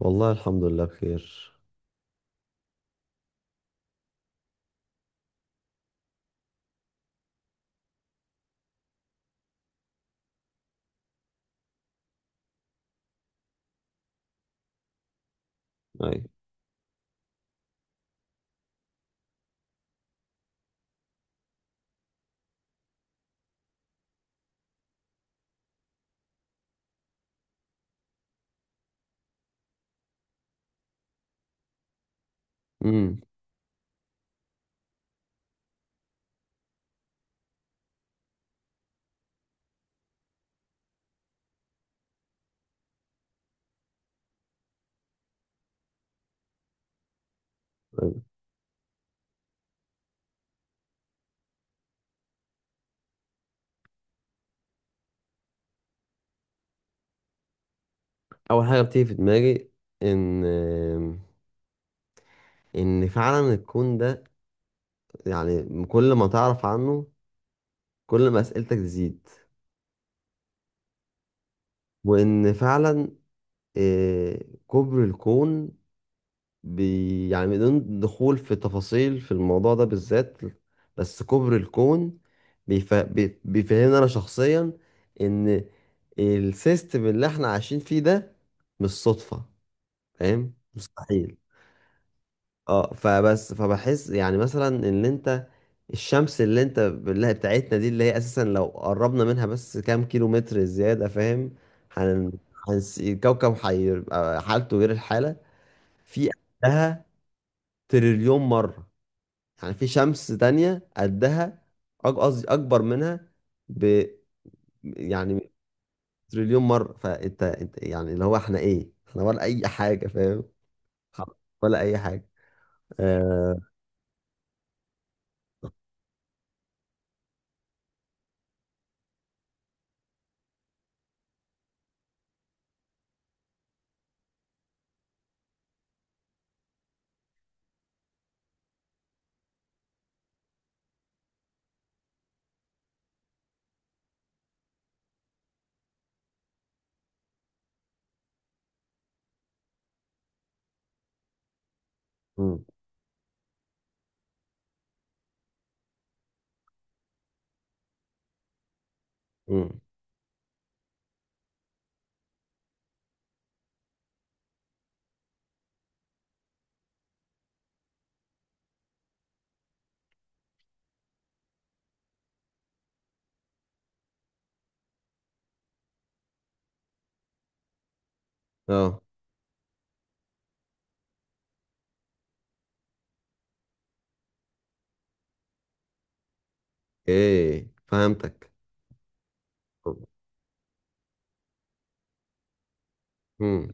والله الحمد لله بخير. أيوة. امم. أيوة. اول حاجه بتيجي في دماغي ان ان فعلا الكون ده، يعني كل ما تعرف عنه، كل ما اسئلتك تزيد، وان فعلا آه، كبر الكون، يعني بدون دخول في تفاصيل في الموضوع ده بالذات، بس كبر الكون بيفهمني انا شخصيا، ان السيستم اللي احنا عايشين فيه ده مش صدفه، فاهم، مستحيل. اه، فبس، فبحس يعني مثلا ان انت الشمس، اللي انت اللي هي بتاعتنا دي، اللي هي اساسا لو قربنا منها بس كام كيلو متر زيادة، فاهم، هن... الكوكب هيبقى حالته غير الحالة، في قدها تريليون مرة، يعني في شمس تانية قدها قصدي اكبر منها ب، يعني، تريليون مرة. فانت يعني، اللي هو احنا ايه، احنا ولا اي حاجة، فاهم، ولا اي حاجة. آه... م. م. اه، ايه فهمتك. امم،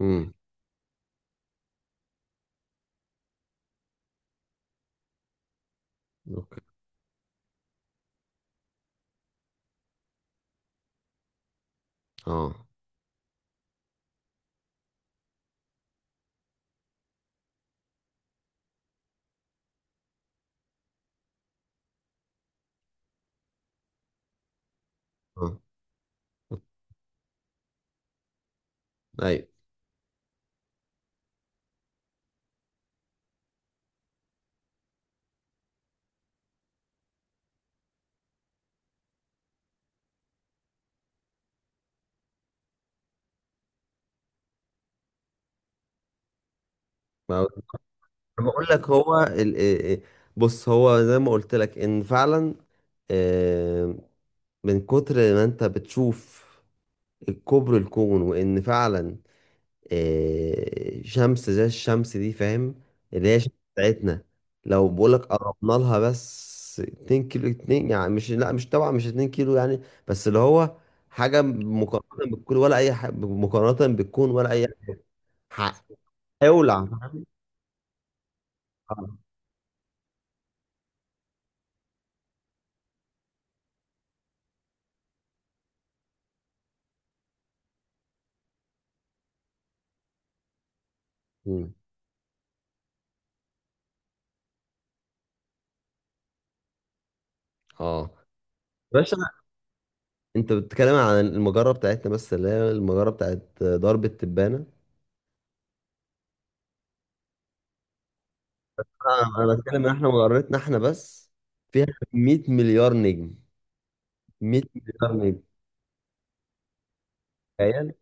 امم. اوكي. اه، اه. ايوه. ما هو- أنا بقول لك إيه. بص، هو زي ما قلت لك ان فعلا، آه، من كتر ما انت بتشوف الكبر الكون وان فعلا، شمس زي الشمس دي، فاهم، اللي هي الشمس بتاعتنا، لو بقولك قربنا لها بس 2 كيلو، 2 يعني، مش، لا، مش طبعا، مش 2 كيلو يعني، بس اللي هو حاجة مقارنة بالكون، ولا أي حاجة، مقارنة بالكون، ولا أي حاجة هيولع، فاهم؟ اه. مم. آه. باشا، انت بتتكلم عن المجرة بتاعتنا بس اللي هي المجرة بتاعت درب التبانة؟ أنا بتكلم ان احنا مجرتنا احنا بس، فيها 100 مليار نجم، 100 مليار نجم، تخيل.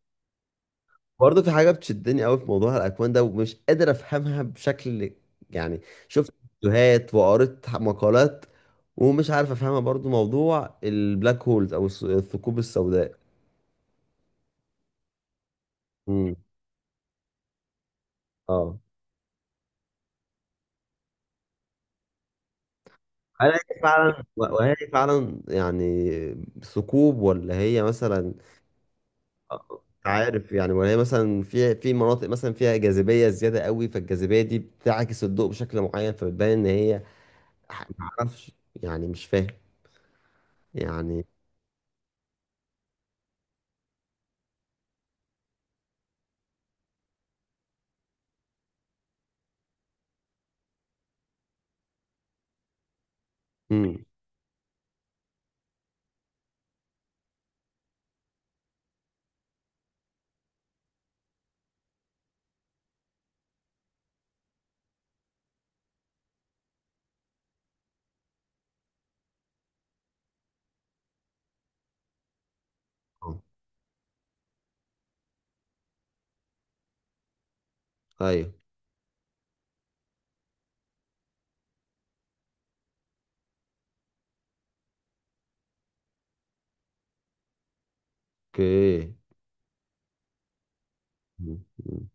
برضه في حاجه بتشدني قوي في موضوع الاكوان ده ومش قادر افهمها بشكل، يعني، شفت فيديوهات وقريت مقالات، ومش عارف افهمها برضه، موضوع البلاك هولز او الثقوب السوداء. امم. اه. هل هي فعلا، وهي فعلا يعني، ثقوب، ولا هي مثلا، مش عارف يعني، ولا هي مثلا، في مناطق مثلا فيها جاذبيه زياده قوي، فالجاذبيه دي بتعكس الضوء بشكل معين، فبتبان ان هي، ما اعرفش، يعني مش فاهم. يعني، امم، ايوه، اوكي. مم. مم.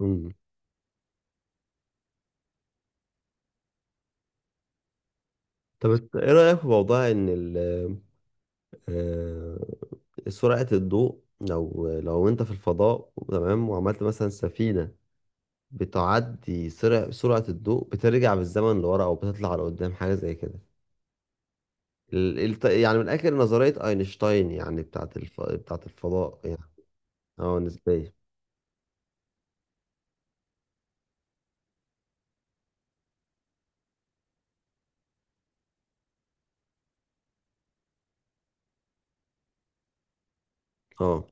مم. طب، ايه رأيك في موضوع ان آه، سرعة الضوء، لو انت في الفضاء، تمام، وعملت مثلا سفينة بتعدي سرعة الضوء، بترجع بالزمن لورا او بتطلع لقدام، حاجة زي كده، يعني من الاخر نظرية اينشتاين، يعني، بتاعت الفضاء يعني. اه، نسبية. اه،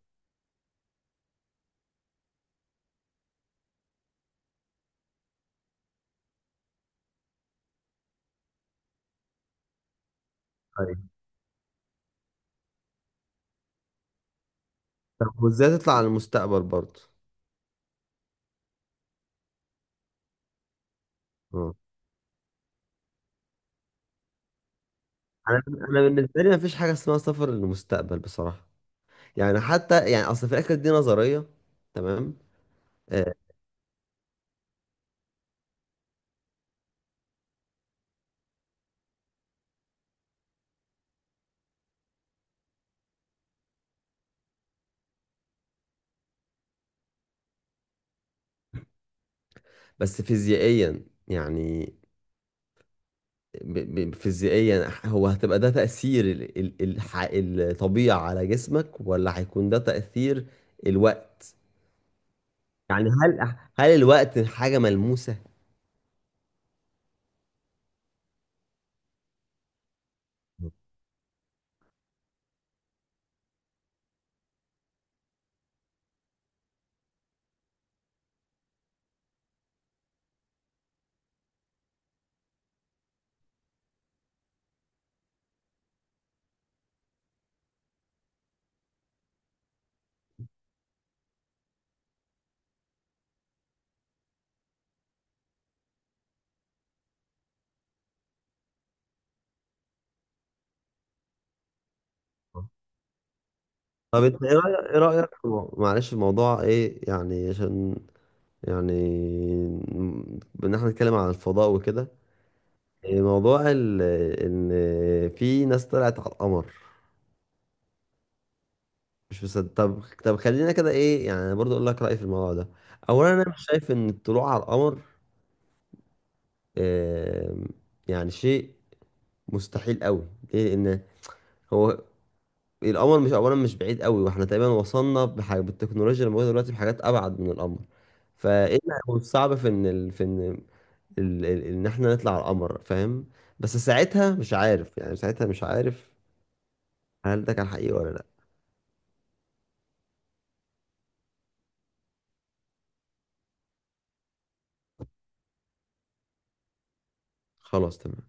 ايوه. طب وازاي تطلع على المستقبل برضه؟ آه. انا أنا بالنسبه لي مفيش حاجه اسمها سفر للمستقبل بصراحه، يعني حتى، يعني اصل في الاخر دي نظريه، تمام. آه بس فيزيائيا، يعني، فيزيائيا، هو هتبقى ده تاثير الطبيعه على جسمك، ولا هيكون ده تاثير الوقت؟ يعني، هل الوقت حاجه ملموسه؟ طب انت ايه رايك، ايه رايك في معلش، الموضوع ايه يعني، عشان يعني، ان احنا نتكلم عن الفضاء وكده، موضوع ان في ناس طلعت على القمر. مش مصدق؟ طب، طب، خلينا كده، ايه يعني، أنا برضو اقول لك رايي في الموضوع ده. اولا، انا مش شايف ان الطلوع على القمر آم، يعني شيء مستحيل قوي، ليه؟ لان هو القمر، مش، اولا مش بعيد قوي، واحنا تقريبا وصلنا بحاجة بالتكنولوجيا اللي موجوده دلوقتي، بحاجات ابعد من القمر، فايه اللي هيكون صعب في ان ان احنا نطلع على القمر، فاهم، بس ساعتها مش عارف، يعني ساعتها مش عارف هل ده كان حقيقي ولا لا. خلاص، تمام.